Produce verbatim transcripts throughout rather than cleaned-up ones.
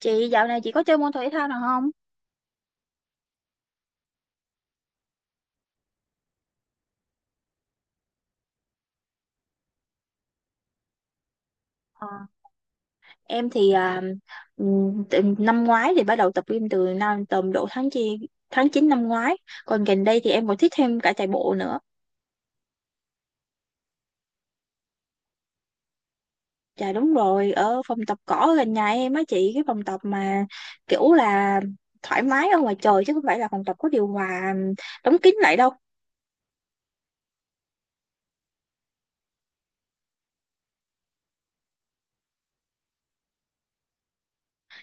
Chị dạo này chị có chơi môn thể thao nào không? Ờ, em thì à, ừm, từ năm ngoái thì bắt đầu tập gym từ năm tầm độ tháng chi tháng chín năm ngoái. Còn gần đây thì em còn thích thêm cả chạy bộ nữa. Dạ đúng rồi, ở phòng tập cỏ ở gần nhà em á chị, cái phòng tập mà kiểu là thoải mái ở ngoài trời chứ không phải là phòng tập có điều hòa đóng kín lại đâu.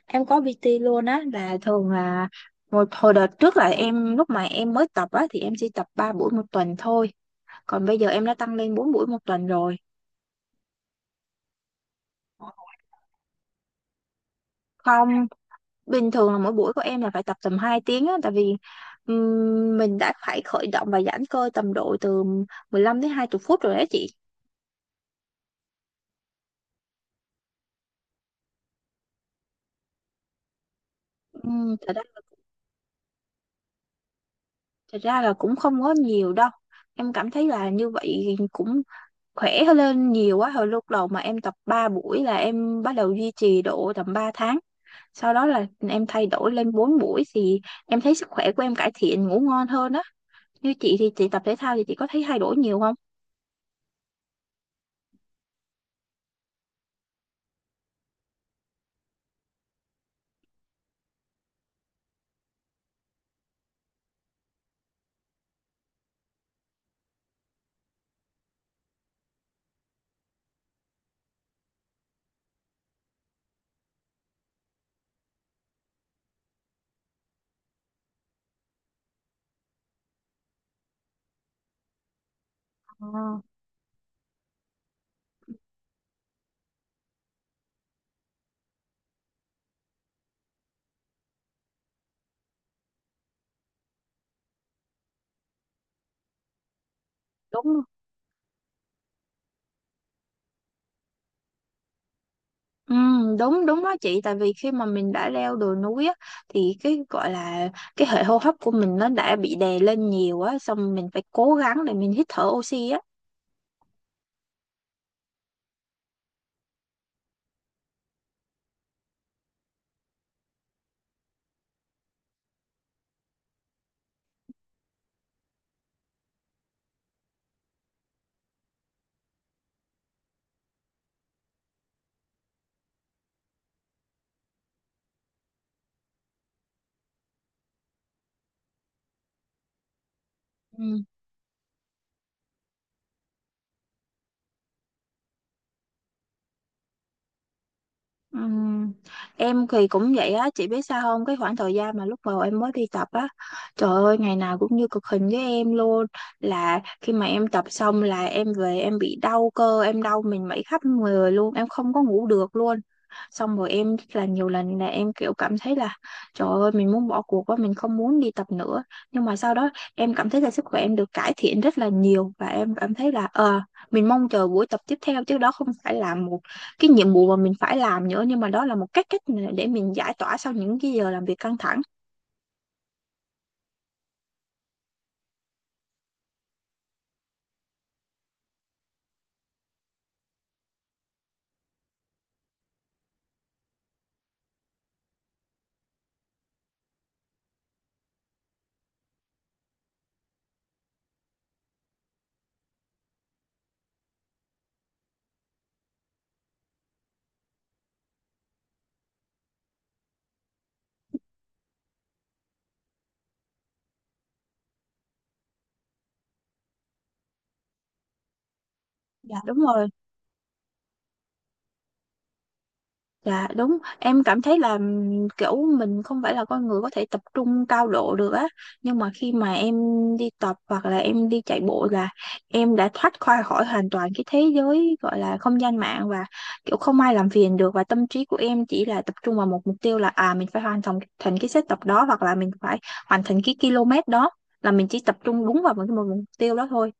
Em có pi ti luôn á, là thường là một hồi đợt trước là em lúc mà em mới tập á thì em chỉ tập ba buổi một tuần thôi, còn bây giờ em đã tăng lên bốn buổi một tuần rồi. Không, bình thường là mỗi buổi của em là phải tập tầm hai tiếng á, tại vì ừm, mình đã phải khởi động và giãn cơ tầm độ từ mười lăm đến hai mươi phút rồi đấy chị. Um, thật ra là, thật ra là cũng không có nhiều đâu. Em cảm thấy là như vậy cũng khỏe hơn lên nhiều quá, hồi lúc đầu mà em tập ba buổi là em bắt đầu duy trì độ tầm ba tháng, sau đó là em thay đổi lên bốn buổi thì em thấy sức khỏe của em cải thiện, ngủ ngon hơn á. Như chị thì chị tập thể thao thì chị có thấy thay đổi nhiều không? Ờ, đúng rồi. Ừ, đúng đúng đó chị, tại vì khi mà mình đã leo đồi núi á, thì cái gọi là cái hệ hô hấp của mình nó đã bị đè lên nhiều á, xong mình phải cố gắng để mình hít thở oxy á. Ừ. Ừm, em thì cũng vậy á, chị biết sao không? Cái khoảng thời gian mà lúc đầu em mới đi tập á, trời ơi, ngày nào cũng như cực hình với em luôn. Là khi mà em tập xong là em về em bị đau cơ, em đau mình mẩy khắp người luôn, em không có ngủ được luôn. Xong rồi em là nhiều lần là em kiểu cảm thấy là trời ơi mình muốn bỏ cuộc quá, mình không muốn đi tập nữa. Nhưng mà sau đó em cảm thấy là sức khỏe em được cải thiện rất là nhiều và em cảm thấy là ờ mình mong chờ buổi tập tiếp theo, chứ đó không phải là một cái nhiệm vụ mà mình phải làm nữa, nhưng mà đó là một cách cách mà để mình giải tỏa sau những cái giờ làm việc căng thẳng. Dạ, đúng rồi, là đúng, em cảm thấy là ừm, kiểu mình không phải là con người có thể tập trung cao độ được á, nhưng mà khi mà em đi tập hoặc là em đi chạy bộ là em đã thoát khỏi khỏi hoàn toàn cái thế giới gọi là không gian mạng, và kiểu không ai làm phiền được và tâm trí của em chỉ là tập trung vào một mục tiêu là à mình phải hoàn thành thành cái set tập đó hoặc là mình phải hoàn thành cái km đó, là mình chỉ tập trung đúng vào một cái một mục tiêu đó thôi.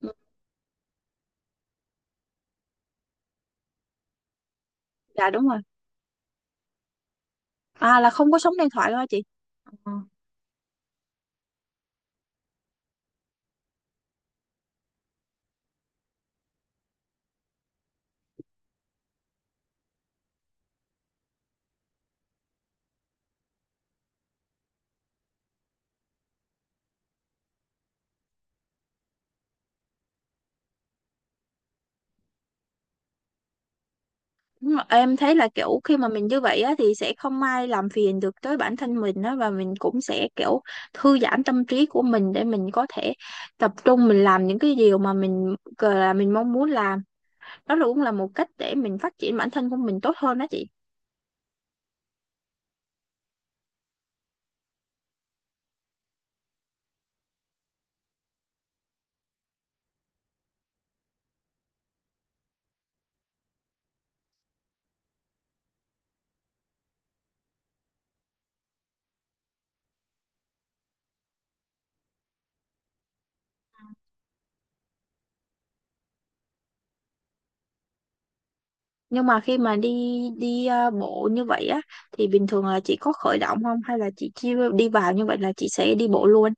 Ừ. Dạ đúng rồi. À, là không có sóng điện thoại thôi chị. Ờ. Đúng rồi. Em thấy là kiểu khi mà mình như vậy á thì sẽ không ai làm phiền được tới bản thân mình á, và mình cũng sẽ kiểu thư giãn tâm trí của mình để mình có thể tập trung mình làm những cái điều mà mình gọi là mình mong muốn làm. Đó là cũng là một cách để mình phát triển bản thân của mình tốt hơn đó chị. Nhưng mà khi mà đi đi ờ, bộ như vậy á thì bình thường là chị có khởi động không hay là chị chỉ đi vào như vậy là chị sẽ đi bộ luôn?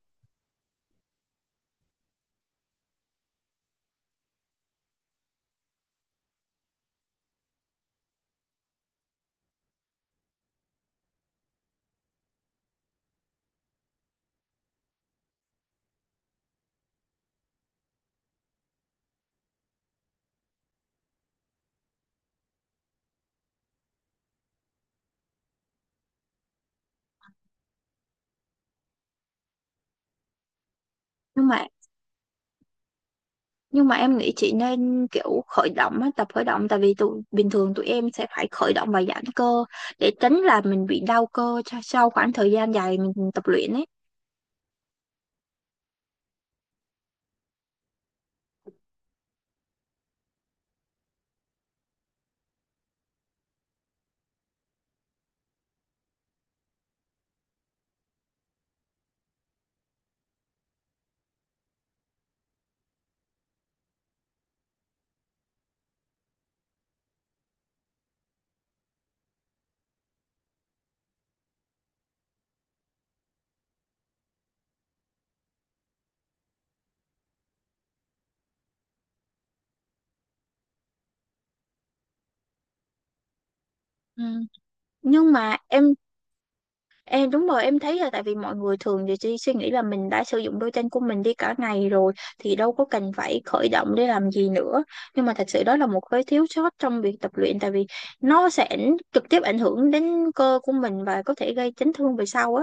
Nhưng mà nhưng mà em nghĩ chị nên kiểu khởi động á, tập khởi động, tại vì tụi bình thường tụi em sẽ phải khởi động và giãn cơ để tránh là mình bị đau cơ cho- sau khoảng thời gian dài mình tập luyện ấy. Ừ. Nhưng mà em em đúng rồi, em thấy là tại vì mọi người thường thì chỉ suy nghĩ là mình đã sử dụng đôi chân của mình đi cả ngày rồi thì đâu có cần phải khởi động để làm gì nữa, nhưng mà thật sự đó là một cái thiếu sót trong việc tập luyện, tại vì nó sẽ ảnh- trực tiếp ảnh hưởng đến cơ của mình và có thể gây chấn thương về sau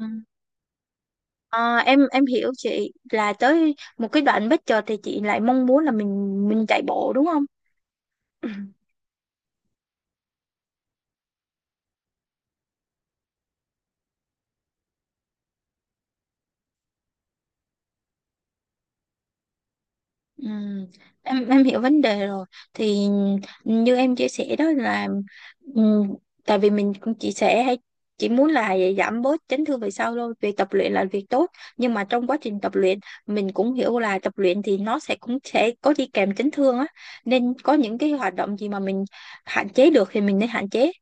á. Ờ, em em hiểu chị là tới một cái đoạn bất chợt thì chị lại mong muốn là mình mình chạy bộ đúng không? Ừ. Ừ, em em hiểu vấn đề rồi. Thì như em chia sẻ đó là ừ, tại vì mình cũng chia sẻ hay chỉ muốn là giảm bớt chấn thương về sau thôi, việc tập luyện là việc tốt, nhưng mà trong quá trình tập luyện mình cũng hiểu là tập luyện thì nó sẽ cũng sẽ có đi kèm chấn thương á, nên có những cái hoạt động gì mà mình hạn chế được thì mình nên hạn chế.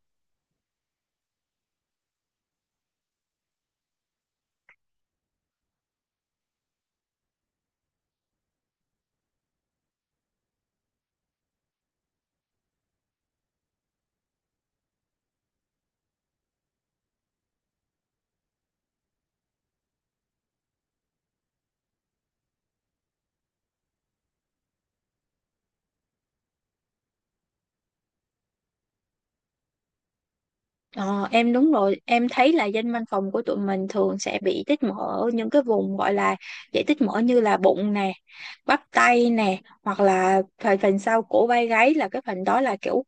Ờ, em đúng rồi, em thấy là dân văn phòng của tụi mình thường sẽ bị tích mỡ ở những cái vùng gọi là dễ tích mỡ như là bụng nè, bắp tay nè, hoặc là phần phần sau cổ vai gáy, là cái phần đó là kiểu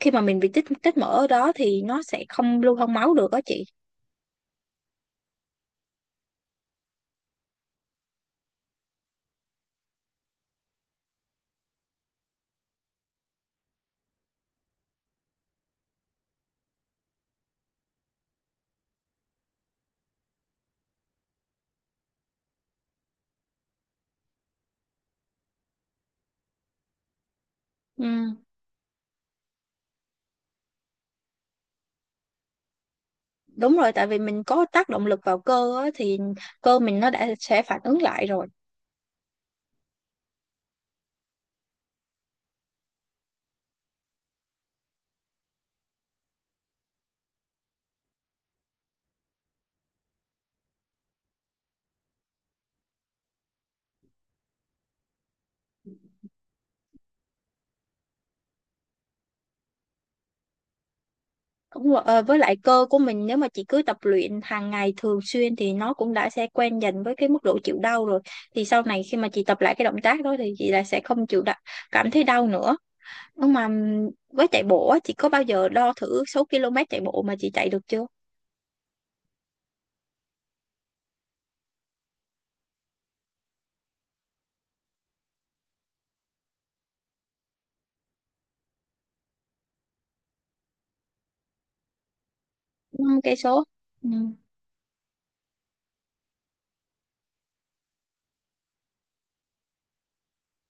khi mà mình bị tích tích mỡ ở đó thì nó sẽ không lưu thông máu được đó chị. Ừ, đúng rồi, tại vì mình có tác động lực vào cơ á, thì cơ mình nó đã sẽ phản ứng lại rồi. Đúng rồi, ờ, với lại cơ của mình nếu mà chị cứ tập luyện hàng ngày thường xuyên thì nó cũng đã sẽ quen dần với cái mức độ chịu đau rồi. Thì sau này khi mà chị tập lại cái động tác đó thì chị lại sẽ không chịu đau, cảm thấy đau nữa. Nhưng mà ừm, với chạy bộ á, chị có bao giờ đo thử số km chạy bộ mà chị chạy được chưa? năm cây số. Ừ.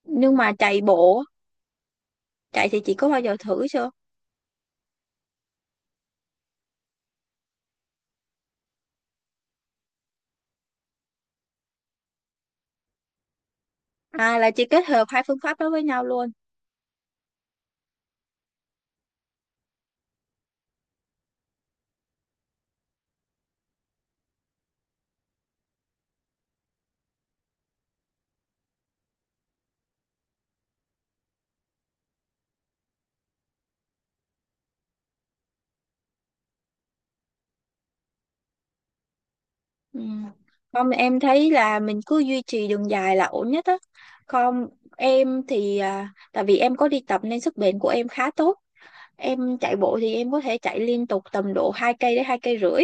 Nhưng mà chạy bộ, chạy thì chị có bao giờ thử chưa? À, là chị kết hợp hai phương pháp đó với nhau luôn. Ừ. Không, em thấy là mình cứ duy trì đường dài là ổn nhất á. Không, em thì à, tại vì em có đi tập nên sức bền của em khá tốt. Em chạy bộ thì em có thể chạy liên tục tầm độ hai cây đến hai cây rưỡi.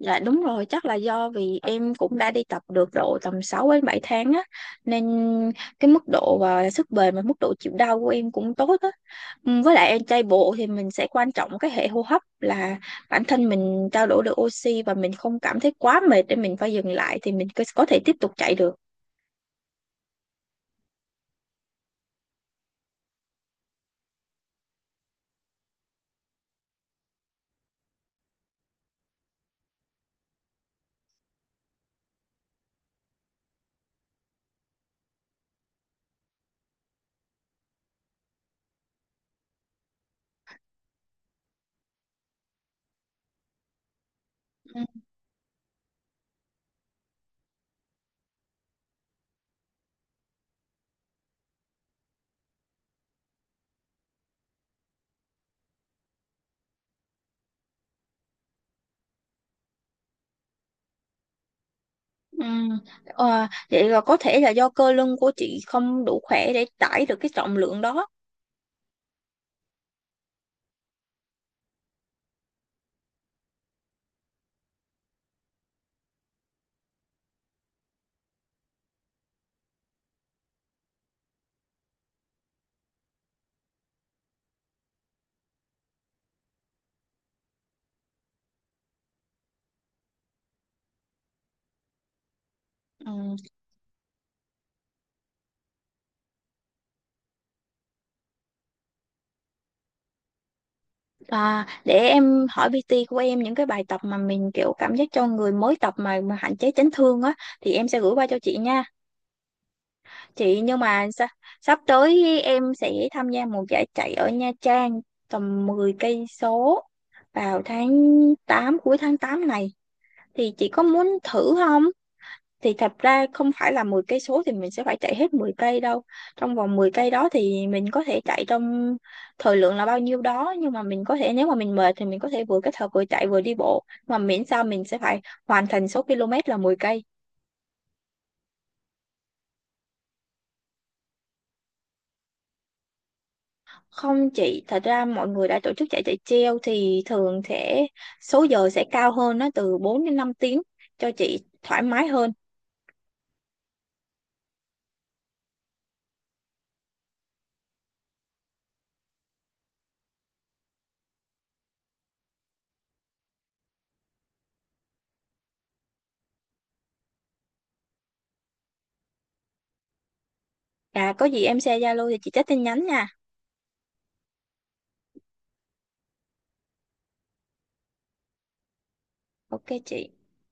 Dạ đúng rồi, chắc là do vì em cũng đã đi tập được độ tầm sáu đến bảy tháng á, nên cái mức độ và sức bền và mức độ chịu đau của em cũng tốt á. Ừ, với lại em chạy bộ thì mình sẽ quan trọng cái hệ hô hấp, là bản thân mình trao đổi được oxy và mình không cảm thấy quá mệt để mình phải dừng lại thì mình có thể tiếp tục chạy được. Ừ. Ừ. Ờ, vậy là có thể là do cơ lưng của chị không đủ khỏe để tải được cái trọng lượng đó. Ừ. À, để em hỏi pê tê của em những cái bài tập mà mình kiểu cảm giác cho người mới tập mà, mà hạn chế chấn thương á thì em sẽ gửi qua cho chị nha. Chị, nhưng mà sa- sắp tới em sẽ tham gia một giải chạy ở Nha Trang tầm mười cây số vào tháng tám, cuối tháng tám này, thì chị có muốn thử không? Thì thật ra không phải là mười cây số thì mình sẽ phải chạy hết mười cây đâu. Trong vòng mười cây đó thì mình có thể chạy trong thời lượng là bao nhiêu đó, nhưng mà mình có thể, nếu mà mình mệt thì mình có thể vừa kết hợp vừa chạy vừa đi bộ mà miễn sao mình sẽ phải hoàn thành số km là mười cây. Không chị, thật ra mọi người đã tổ chức chạy chạy treo thì thường sẽ số giờ sẽ cao hơn, nó từ bốn đến năm tiếng cho chị thoải mái hơn. À, có gì em share Zalo thì chị check tin nhắn nha. Ok chị.